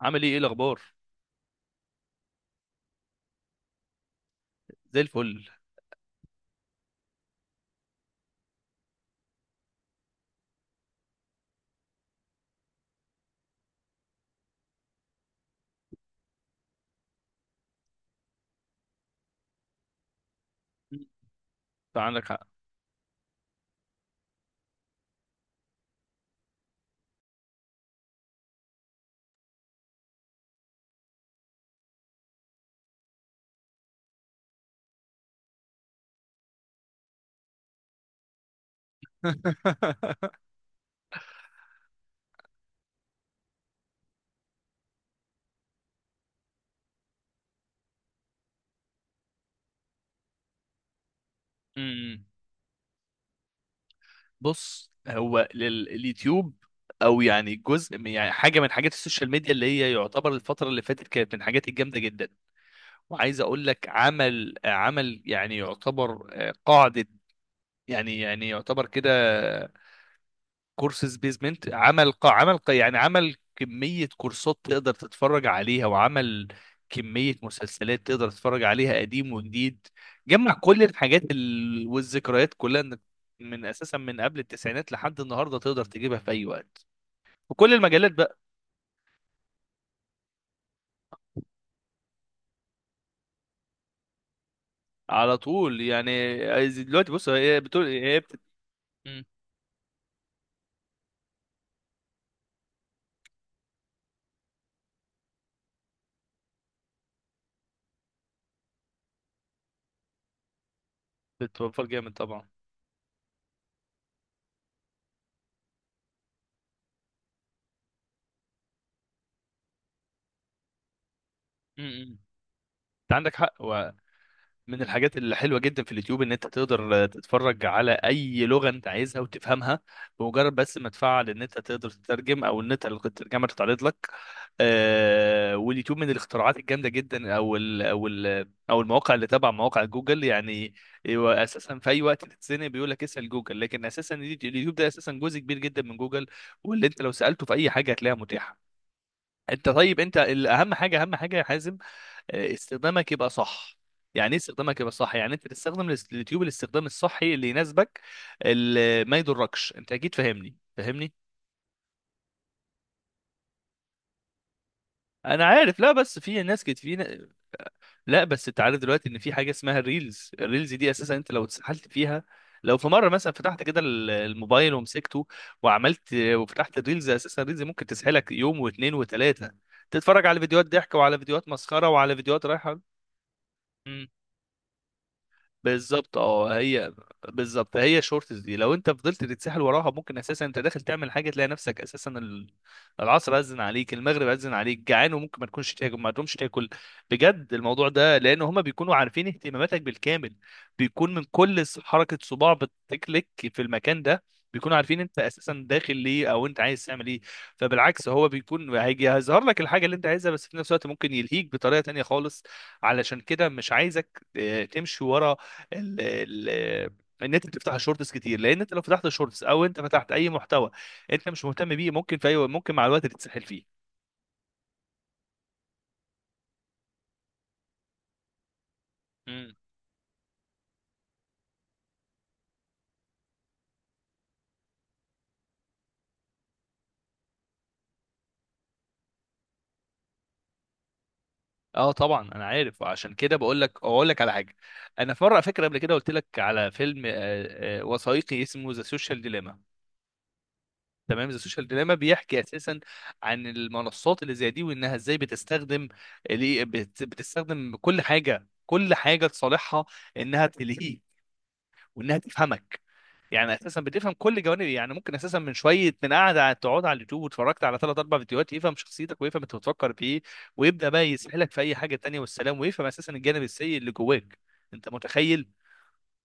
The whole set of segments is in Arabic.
عامل ايه الاخبار. زي الفل. فعندك حق. امم. بص، هو اليوتيوب، او يعني جزء من يعني حاجه من حاجات السوشيال ميديا، اللي هي يعتبر الفتره اللي فاتت كانت من الحاجات الجامده جدا. وعايز اقول لك عمل يعني يعتبر قاعده. يعني يعتبر كده كورسز بيزمنت. عمل قا عمل قا يعني عمل كمية كورسات تقدر تتفرج عليها، وعمل كمية مسلسلات تقدر تتفرج عليها قديم وجديد. جمع كل الحاجات والذكريات كلها، إنك من أساسا من قبل التسعينات لحد النهاردة تقدر تجيبها في أي وقت، وكل المجالات بقى. على طول يعني. دلوقتي بص، هي بتقول هي بت... مم. بتوفر جامد طبعا. مم. انت عندك حق. من الحاجات الحلوه جدا في اليوتيوب ان انت تقدر تتفرج على اي لغه انت عايزها وتفهمها، بمجرد بس ما تفعل ان انت تقدر تترجم او ان انت الترجمه تتعرض لك. واليوتيوب من الاختراعات الجامده جدا، او المواقع اللي تبع مواقع جوجل يعني. هو اساسا في اي وقت تتزنق بيقول لك اسال جوجل، لكن اساسا اليوتيوب ده اساسا جزء كبير جدا من جوجل، واللي انت لو سالته في اي حاجه هتلاقيها متاحه. انت طيب، انت الاهم حاجه اهم حاجه يا حازم، استخدامك يبقى صح. يعني ايه استخدامك يبقى صح؟ يعني انت تستخدم اليوتيوب الاستخدام الصحي اللي يناسبك، اللي ما يضركش. انت اكيد فاهمني فاهمني. انا عارف. لا، بس في ناس كتير لا بس انت عارف دلوقتي ان في حاجه اسمها الريلز. الريلز دي اساسا انت لو اتسحلت فيها، لو في مره مثلا فتحت كده الموبايل ومسكته، وعملت وفتحت الريلز، اساسا الريلز ممكن تسحلك يوم و2 و3، تتفرج على فيديوهات ضحك وعلى فيديوهات مسخره وعلى فيديوهات رايحه. بالظبط اه، هي بالظبط هي الشورتس دي، لو انت فضلت تتسحل وراها ممكن اساسا انت داخل تعمل حاجه تلاقي نفسك اساسا العصر اذن عليك، المغرب اذن عليك، جعان وممكن ما تكونش تاكل، ما تقومش تاكل بجد. الموضوع ده لان هما بيكونوا عارفين اهتماماتك بالكامل. بيكون من كل حركه صباع بتكليك في المكان ده، بيكونوا عارفين انت اساسا داخل ليه او انت عايز تعمل ايه. فبالعكس، هو بيكون هيجي هيظهر لك الحاجه اللي انت عايزها، بس في نفس الوقت ممكن يلهيك بطريقه تانية خالص. علشان كده مش عايزك تمشي ورا ال ال ان انت بتفتح الشورتس كتير، لان انت لو فتحت الشورتس او انت فتحت اي محتوى انت مش مهتم بيه، ممكن في اي ممكن مع الوقت تتسحل فيه. امم. اه طبعا انا عارف، وعشان كده بقول لك اقول لك على حاجه. انا في مره فاكر قبل كده قلت لك على فيلم وثائقي اسمه ذا سوشيال ديليما. تمام، ذا سوشيال ديليما بيحكي اساسا عن المنصات اللي زي دي، وانها ازاي بتستخدم بتستخدم كل حاجه كل حاجه لصالحها، انها تلهيك وانها تفهمك. يعني اساسا بتفهم كل جوانب. يعني ممكن اساسا من شويه من تقعد على اليوتيوب واتفرجت على ثلاث اربع فيديوهات يفهم شخصيتك ويفهم انت بتفكر في ايه، ويبدا بقى يسحلك في اي حاجه تانية والسلام، ويفهم اساسا الجانب السيء اللي جواك. انت متخيل؟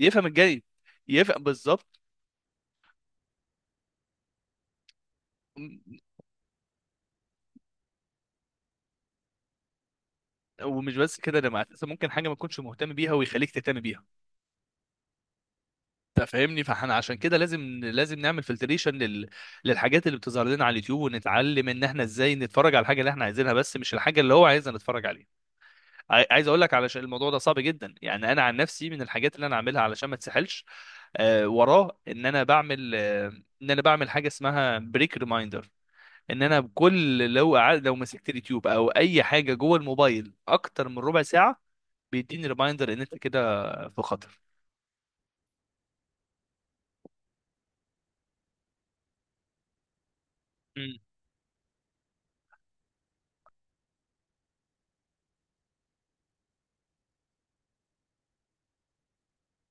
يفهم الجانب يفهم بالظبط. ومش بس كده، ده مع اساسا ممكن حاجه ما تكونش مهتم بيها ويخليك تهتم بيها. انت فاهمني؟ فاحنا عشان كده لازم نعمل فلتريشن للحاجات اللي بتظهر لنا على اليوتيوب، ونتعلم ان احنا ازاي نتفرج على الحاجه اللي احنا عايزينها، بس مش الحاجه اللي هو عايزنا نتفرج عليها. عايز اقول لك، علشان الموضوع ده صعب جدا، يعني انا عن نفسي من الحاجات اللي انا عاملها علشان ما تسحلش وراه، ان انا بعمل ان انا بعمل حاجه اسمها بريك ريمايندر. ان انا بكل لو مسكت اليوتيوب او اي حاجه جوه الموبايل اكتر من ربع ساعه، بيديني ريمايندر ان انت كده في خطر. مم.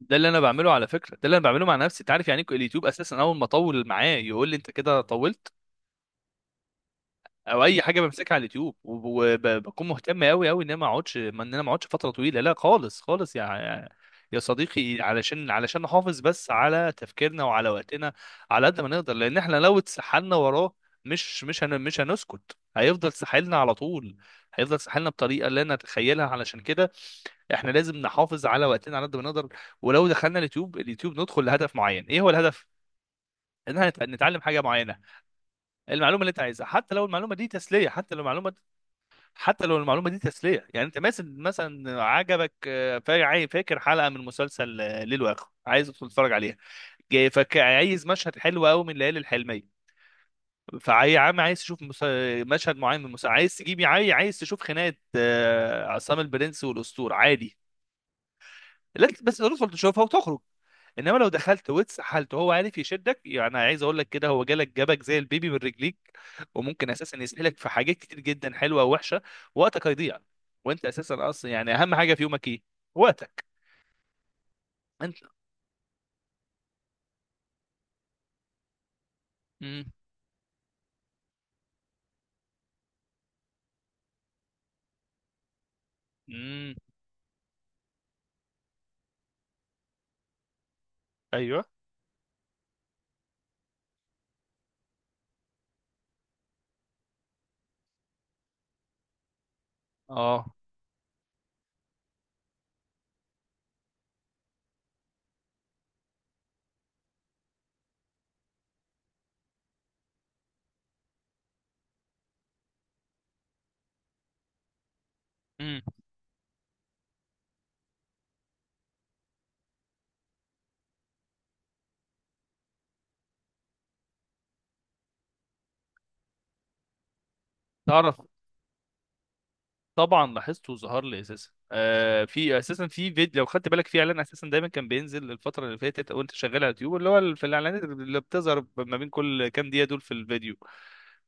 ده اللي انا بعمله على فكره، ده اللي انا بعمله مع نفسي. انت عارف يعني إيه؟ اليوتيوب اساسا اول ما اطول معاه يقول لي انت كده طولت، او اي حاجه بمسكها على اليوتيوب وبكون مهتم قوي قوي ان انا ما اقعدش فتره طويله، لا خالص خالص يا صديقي، علشان نحافظ بس على تفكيرنا وعلى وقتنا على قد ما نقدر. لان احنا لو اتسحلنا وراه، مش هنسكت. هيفضل ساحلنا على طول، هيفضل ساحلنا بطريقه لا نتخيلها. علشان كده احنا لازم نحافظ على وقتنا على قد ما نقدر. ولو دخلنا اليوتيوب، ندخل لهدف معين. ايه هو الهدف؟ ان احنا نتعلم حاجه معينه، المعلومه اللي انت عايزها. حتى لو المعلومه دي تسليه، يعني انت مثلا عجبك فاكر حلقه من مسلسل ليل واخر، عايز تدخل تتفرج عليها. جاي فك، عايز مشهد حلو قوي من ليالي الحلميه. فعايز عايز تشوف مشهد معين من المسلسل، عايز تجيب عايز تشوف خناقه عصام البرنس والاسطور عادي. لا بس تدخل تشوفها وتخرج. انما لو دخلت واتسحلت وهو عارف يشدك، يعني عايز اقول لك كده هو جالك جابك زي البيبي من رجليك، وممكن اساسا يسحلك في حاجات كتير جدا حلوه ووحشه، وقتك هيضيع. وانت اساسا اصلا يعني اهم حاجه في يومك ايه؟ وقتك. انت. امم. امم. ايوه. اه. امم. تعرف، طبعا لاحظته، وظهر لي اساسا في اساسا في فيديو، لو خدت بالك في اعلان اساسا دايما كان بينزل الفتره اللي فاتت وانت شغال على اليوتيوب، اللي هو في الاعلانات اللي بتظهر ما بين كل كام دقيقه دول في الفيديو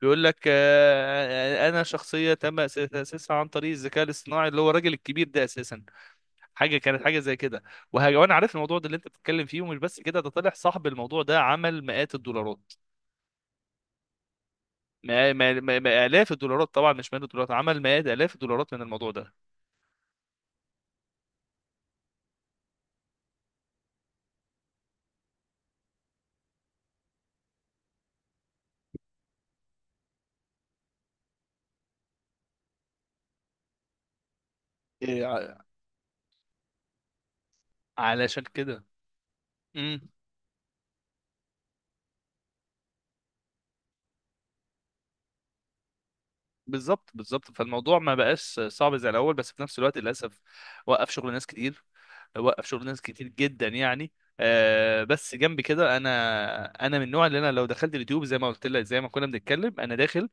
بيقول لك انا شخصيه تم تاسيسها عن طريق الذكاء الاصطناعي اللي هو الراجل الكبير ده اساسا. حاجه كانت حاجه زي كده. وانا عارف الموضوع ده اللي انت بتتكلم فيه. ومش بس كده، ده طلع صاحب الموضوع ده عمل مئات الدولارات. ما الاف الدولارات طبعا، مش مئات الدولارات، عمل مئات الاف الدولارات من الموضوع ده. إيه، ع- علشان كده. امم. بالظبط بالظبط، فالموضوع ما بقاش صعب زي الاول، بس في نفس الوقت للاسف وقف شغل ناس كتير، وقف شغل ناس كتير جدا يعني. بس جنب كده، انا من النوع اللي انا لو دخلت اليوتيوب زي ما قلت لك، زي ما كنا بنتكلم، انا داخل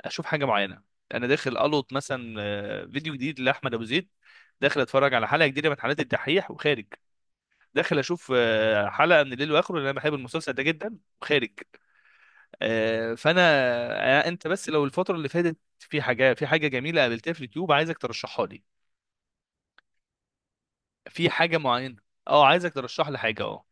اشوف حاجه معينه. انا داخل القط مثلا فيديو جديد لاحمد ابو زيد، داخل اتفرج على حلقه جديده من حلقات الدحيح وخارج، داخل اشوف حلقه من الليل واخره لان انا بحب المسلسل ده جدا وخارج. فانا انت بس لو الفتره اللي فاتت في حاجه جميله قابلتها في اليوتيوب، عايزك ترشحها لي في حاجه معينه. اه عايزك ترشح لي حاجه اه.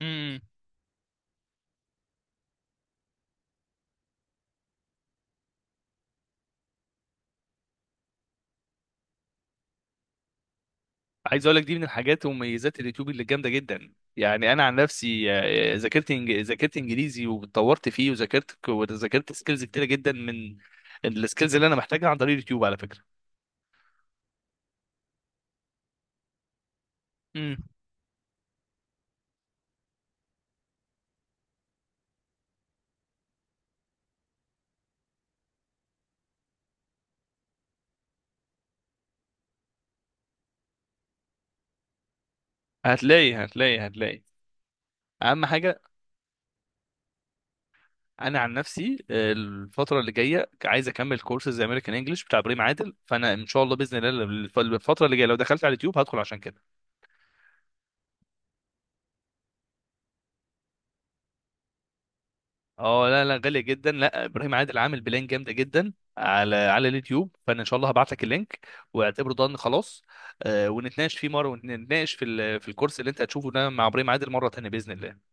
مم. عايز اقول لك دي من الحاجات ومميزات اليوتيوب اللي جامده جدا. يعني انا عن نفسي ذاكرت ذاكرت انجليزي واتطورت فيه، وذاكرت وذاكرت سكيلز كتيره جدا من السكيلز اللي انا محتاجها عن طريق اليوتيوب على فكره. امم. هتلاقي هتلاقي هتلاقي، اهم حاجه. انا عن نفسي الفتره اللي جايه عايز اكمل كورسز امريكان انجلش بتاع ابراهيم عادل، فانا ان شاء الله باذن الله الفتره اللي جايه لو دخلت على اليوتيوب هدخل عشان كده. اه لا لا، غالية جدا. لا، ابراهيم عادل عامل بلان جامدة جدا على اليوتيوب، فانا ان شاء الله هبعت لك اللينك، واعتبره ضن. خلاص ونتناقش فيه مرة، ونتناقش في في الكورس اللي انت هتشوفه ده مع ابراهيم عادل مرة تانية بإذن الله.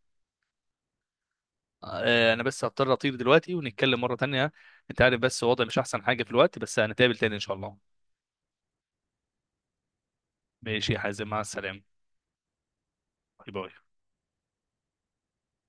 انا بس هضطر اطير دلوقتي، ونتكلم مرة تانية. انت عارف بس وضعي مش احسن حاجة في الوقت، بس هنتقابل تاني ان شاء الله. ماشي يا حازم، مع السلامة. باي باي.